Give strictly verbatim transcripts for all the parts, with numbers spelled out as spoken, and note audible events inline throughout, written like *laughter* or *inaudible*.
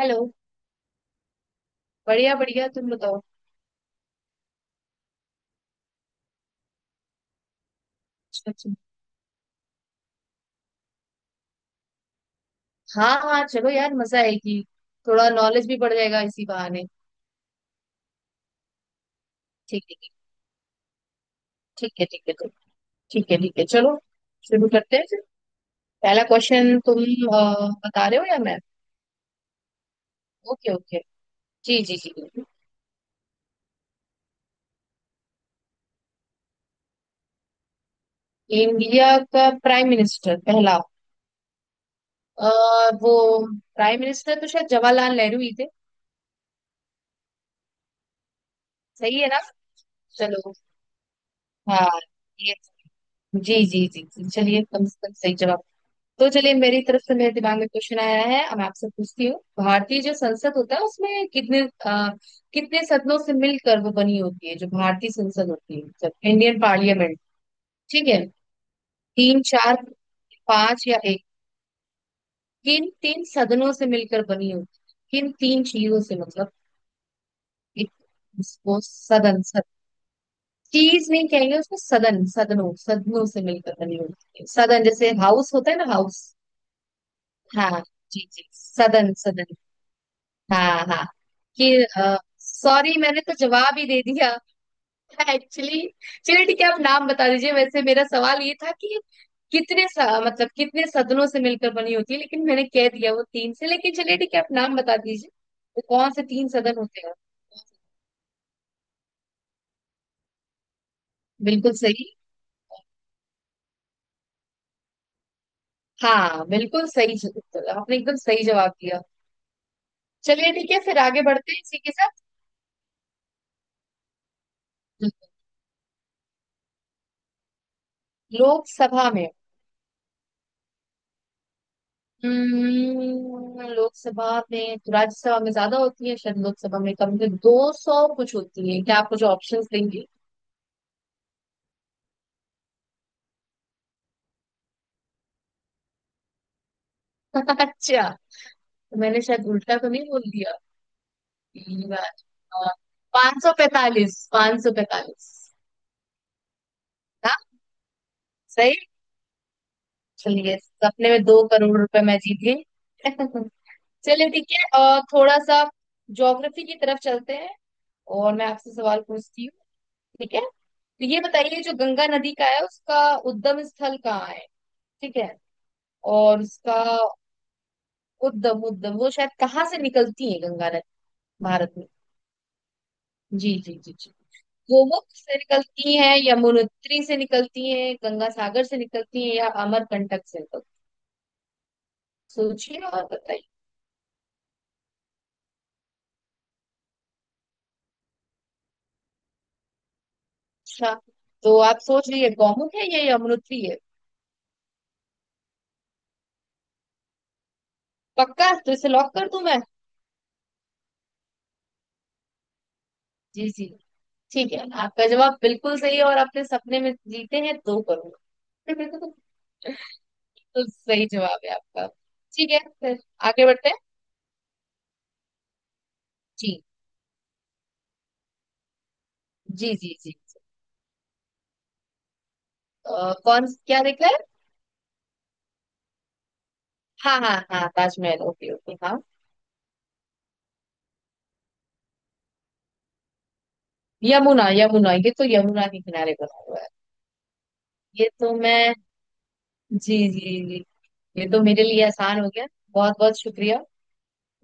Hello. बढ़िया बढ़िया, तुम बताओ। अच्छा अच्छा। हाँ हाँ, चलो यार मजा आएगी। थोड़ा नॉलेज भी बढ़ जाएगा इसी बहाने। ठीक है ठीक है, ठीक है तो, ठीक है ठीक है चलो, शुरू करते हैं फिर। पहला क्वेश्चन तुम अ, बता रहे हो या मैं? ओके ओके, जी जी जी। इंडिया का प्राइम मिनिस्टर पहला, अ, वो प्राइम मिनिस्टर तो शायद जवाहरलाल नेहरू ही थे। सही है ना? चलो हाँ, ये, जी जी जी जी, चलिए कम से कम सही जवाब। तो चलिए मेरी तरफ से, मेरे दिमाग में क्वेश्चन आया है, अब मैं आपसे पूछती हूँ, भारतीय जो संसद होता है उसमें कितने अ, कितने सदनों से मिलकर वो बनी होती है, जो भारतीय संसद होती है, मतलब इंडियन पार्लियामेंट। ठीक है? तीन, चार, पांच या एक? किन तीन सदनों से मिलकर बनी होती है, किन तीन चीजों से मतलब। एक, उसको सदन सद, चीज नहीं कहेंगे उसको, सदन सदनों सदनों से मिलकर बनी होती है, सदन, जैसे हाउस होता है ना, हाउस। हाँ जी जी, सदन सदन। हाँ हाँ, कि, सॉरी मैंने तो जवाब ही दे दिया। *laughs* एक्चुअली चलिए ठीक है, आप नाम बता दीजिए। वैसे मेरा सवाल ये था कि कितने सा, मतलब कितने सदनों से मिलकर बनी होती है, लेकिन मैंने कह दिया वो तीन से, लेकिन चलिए ठीक है आप नाम बता दीजिए। वो कौन से तीन सदन होते हैं? बिल्कुल सही। हाँ बिल्कुल सही जवाब, आपने एकदम सही जवाब दिया। चलिए ठीक है फिर आगे बढ़ते हैं इसी के साथ। लोकसभा में, हम्म, लोकसभा में तो, राज्यसभा में ज्यादा होती है शायद, लोकसभा में कम, दो सौ कुछ होती है क्या? आप मुझे ऑप्शंस देंगे? *laughs* अच्छा, तो मैंने शायद उल्टा तो नहीं बोल दिया? पहली बार। पाँच सौ पैतालीस, पाँच सौ पैतालीस। हाँ सही। चलिए सपने में दो करोड़ रुपए मैं जीत गई। *laughs* चलिए ठीक है, और थोड़ा सा ज्योग्राफी की तरफ चलते हैं, और मैं आपसे सवाल पूछती हूँ। ठीक है, तो ये बताइए जो गंगा नदी का है उसका उद्गम स्थल कहाँ है? ठीक है, और उसका उद्गम उद्गम, वो शायद कहाँ से निकलती है गंगा नदी भारत में? जी जी जी जी। गोमुख से निकलती है, यमुनोत्री से निकलती है, गंगा सागर से निकलती है या अमरकंटक से निकलती है, सोचिए और बताइए। अच्छा, तो आप सोच लीजिए गौमुख है या यमुनोत्री है? पक्का? तो इसे लॉक कर दूं मैं? जी जी। ठीक है आपका जवाब बिल्कुल सही है, और आपने सपने में जीते हैं दो करोड़। *laughs* तो सही जवाब है आपका। ठीक है फिर आगे बढ़ते हैं। जी जी जी जी जी। अ, कौन, क्या देखा है? हाँ हाँ हाँ, ताजमहल, ओके ओके हाँ। यमुना यमुना, ये तो यमुना के किनारे बना हुआ है। ये तो मैं, जी जी जी, ये तो मेरे लिए आसान हो गया, बहुत बहुत शुक्रिया।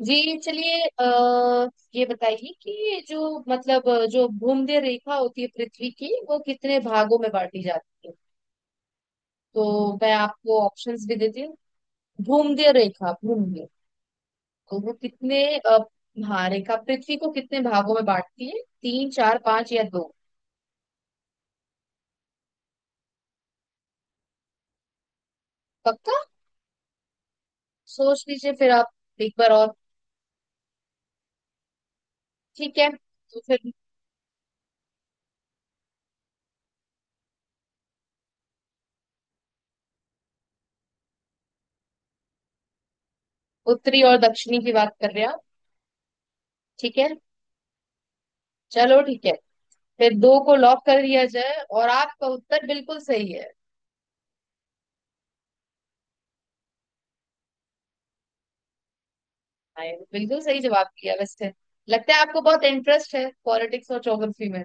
जी चलिए, अ, ये बताइए कि ये जो मतलब अ, जो भूमध्य रेखा होती है पृथ्वी की, वो कितने भागों में बांटी जाती है? तो मैं आपको ऑप्शंस भी देती हूँ। भूमध्य रेखा, भूमध्य, और वो कितने अ, हाँ, रेखा पृथ्वी को कितने भागों में बांटती है, तीन, चार, पांच या दो? पक्का? सोच लीजिए फिर आप, एक बार और। ठीक है तो फिर, उत्तरी और दक्षिणी की बात कर रहे हैं आप? ठीक है, चलो ठीक है, फिर दो को लॉक कर दिया जाए, और आपका उत्तर बिल्कुल सही है। हाँ, ये बिल्कुल सही जवाब दिया वैसे, लगता है आपको बहुत इंटरेस्ट है पॉलिटिक्स और ज्योग्राफी में।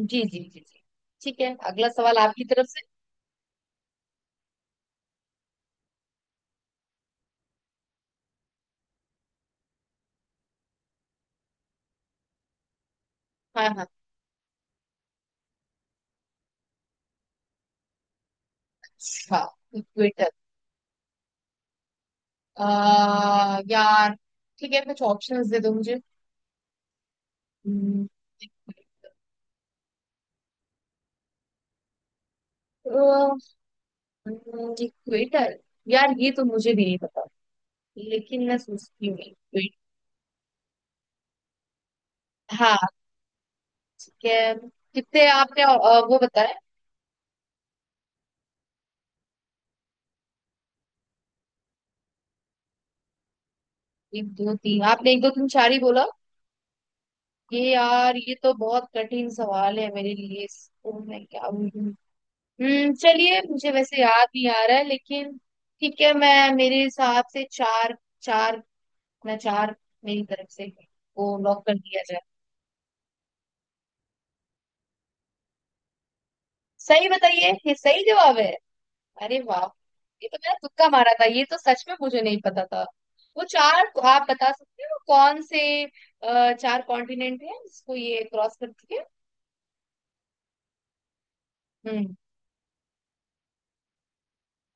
जी जी जी जी। ठीक है, अगला सवाल आपकी तरफ से। हाँ हाँ। अच्छा, ट्विटर? आ, यार ठीक है कुछ ऑप्शंस दे दो मुझे। इक्वेटर, यार ये तो मुझे भी नहीं पता, लेकिन मैं सोचती हूँ equator। हाँ ठीक है, कितने आपने अ, वो बताया, एक दो तीन, आपने एक दो तीन चार ही बोला। ये यार, ये तो बहुत कठिन सवाल है मेरे लिए, इसको मैं क्या बोलूं। हम्म, चलिए मुझे वैसे याद नहीं आ रहा है, लेकिन ठीक है, मैं, मेरे हिसाब से चार, चार, अपना चार मेरी तरफ से, वो लॉक कर दिया जाए। सही बताइए, ये सही जवाब है? अरे वाह, ये तो मैंने तुक्का मारा था, ये तो सच में मुझे नहीं पता था। वो चार आप बता सकते हो कौन से अ, चार कॉन्टिनेंट है जिसको ये क्रॉस करती है? हम्म,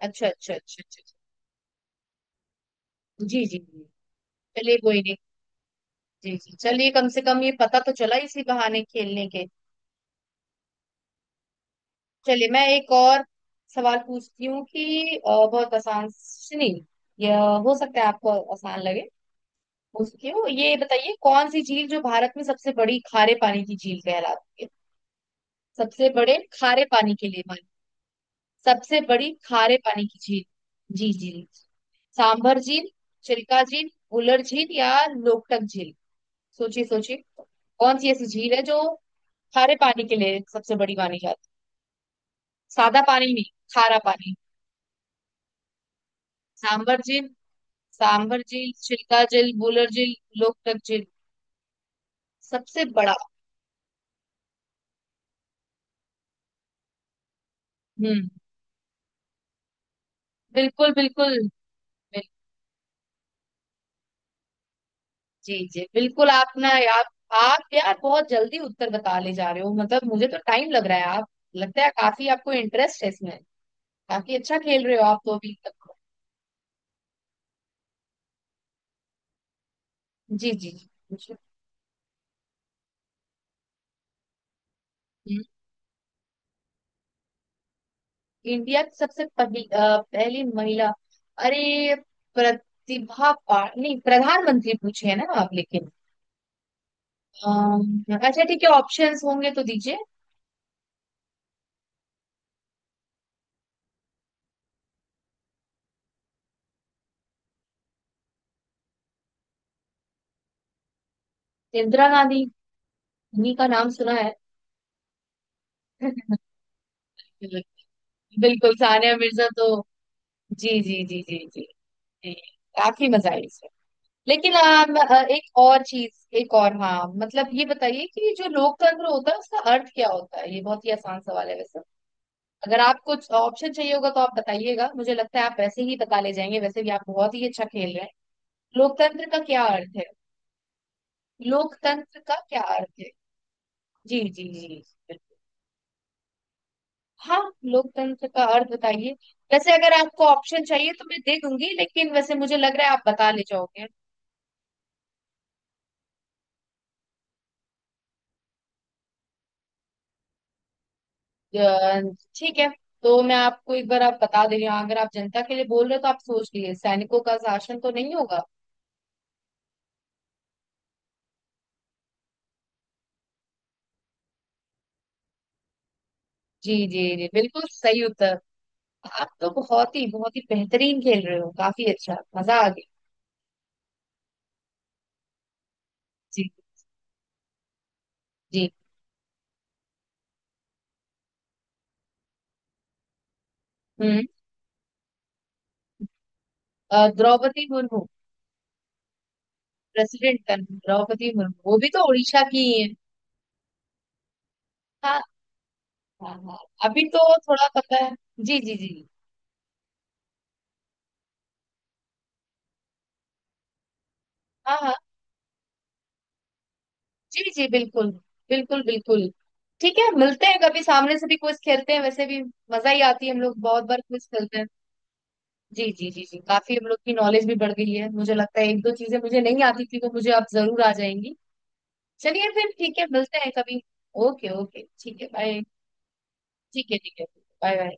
अच्छा अच्छा अच्छा अच्छा, अच्छा। जी जी जी, चलिए कोई नहीं, जी जी, चलिए कम से कम ये पता तो चला इसी बहाने खेलने के। चलिए मैं एक और सवाल पूछती हूँ कि, अ, बहुत आसान नहीं, यह, हो सकता है आपको आसान लगे, क्यों, ये बताइए कौन सी झील जो भारत में सबसे बड़ी खारे पानी की झील कहलाती है? सबसे बड़े खारे पानी के लिए मानी, सबसे बड़ी खारे पानी की झील। जी जी। सांभर झील, चिल्का झील, उलर झील या लोकटक झील? सोचिए सोचिए, कौन सी ऐसी झील है जो खारे पानी के लिए सबसे बड़ी मानी जाती है, सादा पानी नहीं, खारा पानी। सांभर झील, सांभर झील, चिल्का झील, बुलर झील, लोकटक झील, सबसे बड़ा। हम्म। बिल्कुल बिल्कुल। जी जी बिल्कुल, आप ना, आप आप यार बहुत जल्दी उत्तर बता ले जा रहे हो, मतलब मुझे तो टाइम लग रहा है। आप, लगता है काफी आपको इंटरेस्ट है इसमें, काफी अच्छा खेल रहे हो आप तो अभी तक। जी जी जी, पूछो। हम्म, इंडिया की सबसे पहली अ, पहली महिला, अरे प्रतिभा पा नहीं, प्रधानमंत्री पूछे है ना आप? लेकिन अम, अच्छा ठीक है ऑप्शंस होंगे तो दीजिए। इंदिरा गांधी, इन्हीं का नाम सुना है। *laughs* बिल्कुल सानिया मिर्जा तो, जी जी जी जी जी। जी, काफी मजा आई इसमें। लेकिन आ, म- आ, एक और चीज, एक और, हाँ मतलब ये बताइए कि जो लोकतंत्र होता है उसका अर्थ क्या होता है? ये बहुत ही आसान सवाल है वैसे, अगर आप कुछ ऑप्शन चाहिए होगा तो आप बताइएगा, मुझे लगता है आप वैसे ही बता ले जाएंगे, वैसे भी आप बहुत ही अच्छा खेल रहे हैं। लोकतंत्र का क्या अर्थ है? लोकतंत्र का क्या अर्थ है? जी जी जी, बिल्कुल। हाँ, लोकतंत्र का अर्थ बताइए। वैसे अगर आपको ऑप्शन चाहिए तो मैं दे दूंगी, लेकिन वैसे मुझे लग रहा है आप बता ले जाओगे। अ, ठीक है, तो मैं आपको एक बार आप बता दे रही हूँ, अगर आप जनता के लिए बोल रहे हो तो आप सोच लिए, सैनिकों का शासन तो नहीं होगा। जी जी जी बिल्कुल सही उत्तर। आप तो बहुत ही बहुत ही बेहतरीन खेल रहे हो, काफी अच्छा मजा आ गया। जी जी। हम्म, अ, द्रौपदी मुर्मू। प्रेसिडेंट का नाम द्रौपदी मुर्मू, वो भी तो उड़ीसा की ही है। हाँ हाँ हाँ, अभी तो थोड़ा पता है। जी जी जी। हाँ हाँ, जी जी बिल्कुल, बिल्कुल बिल्कुल। ठीक है, मिलते हैं कभी, सामने से भी क्विज खेलते हैं, वैसे भी मजा ही आती है, हम लोग बहुत बार क्विज खेलते हैं। जी जी जी जी, काफी हम लोग की नॉलेज भी बढ़ गई है, मुझे लगता है एक दो चीजें मुझे नहीं आती थी, वो मुझे अब जरूर आ जाएंगी। चलिए फिर ठीक है, मिलते हैं कभी। ओके ओके ठीक है, बाय। ठीक है ठीक है, बाय बाय।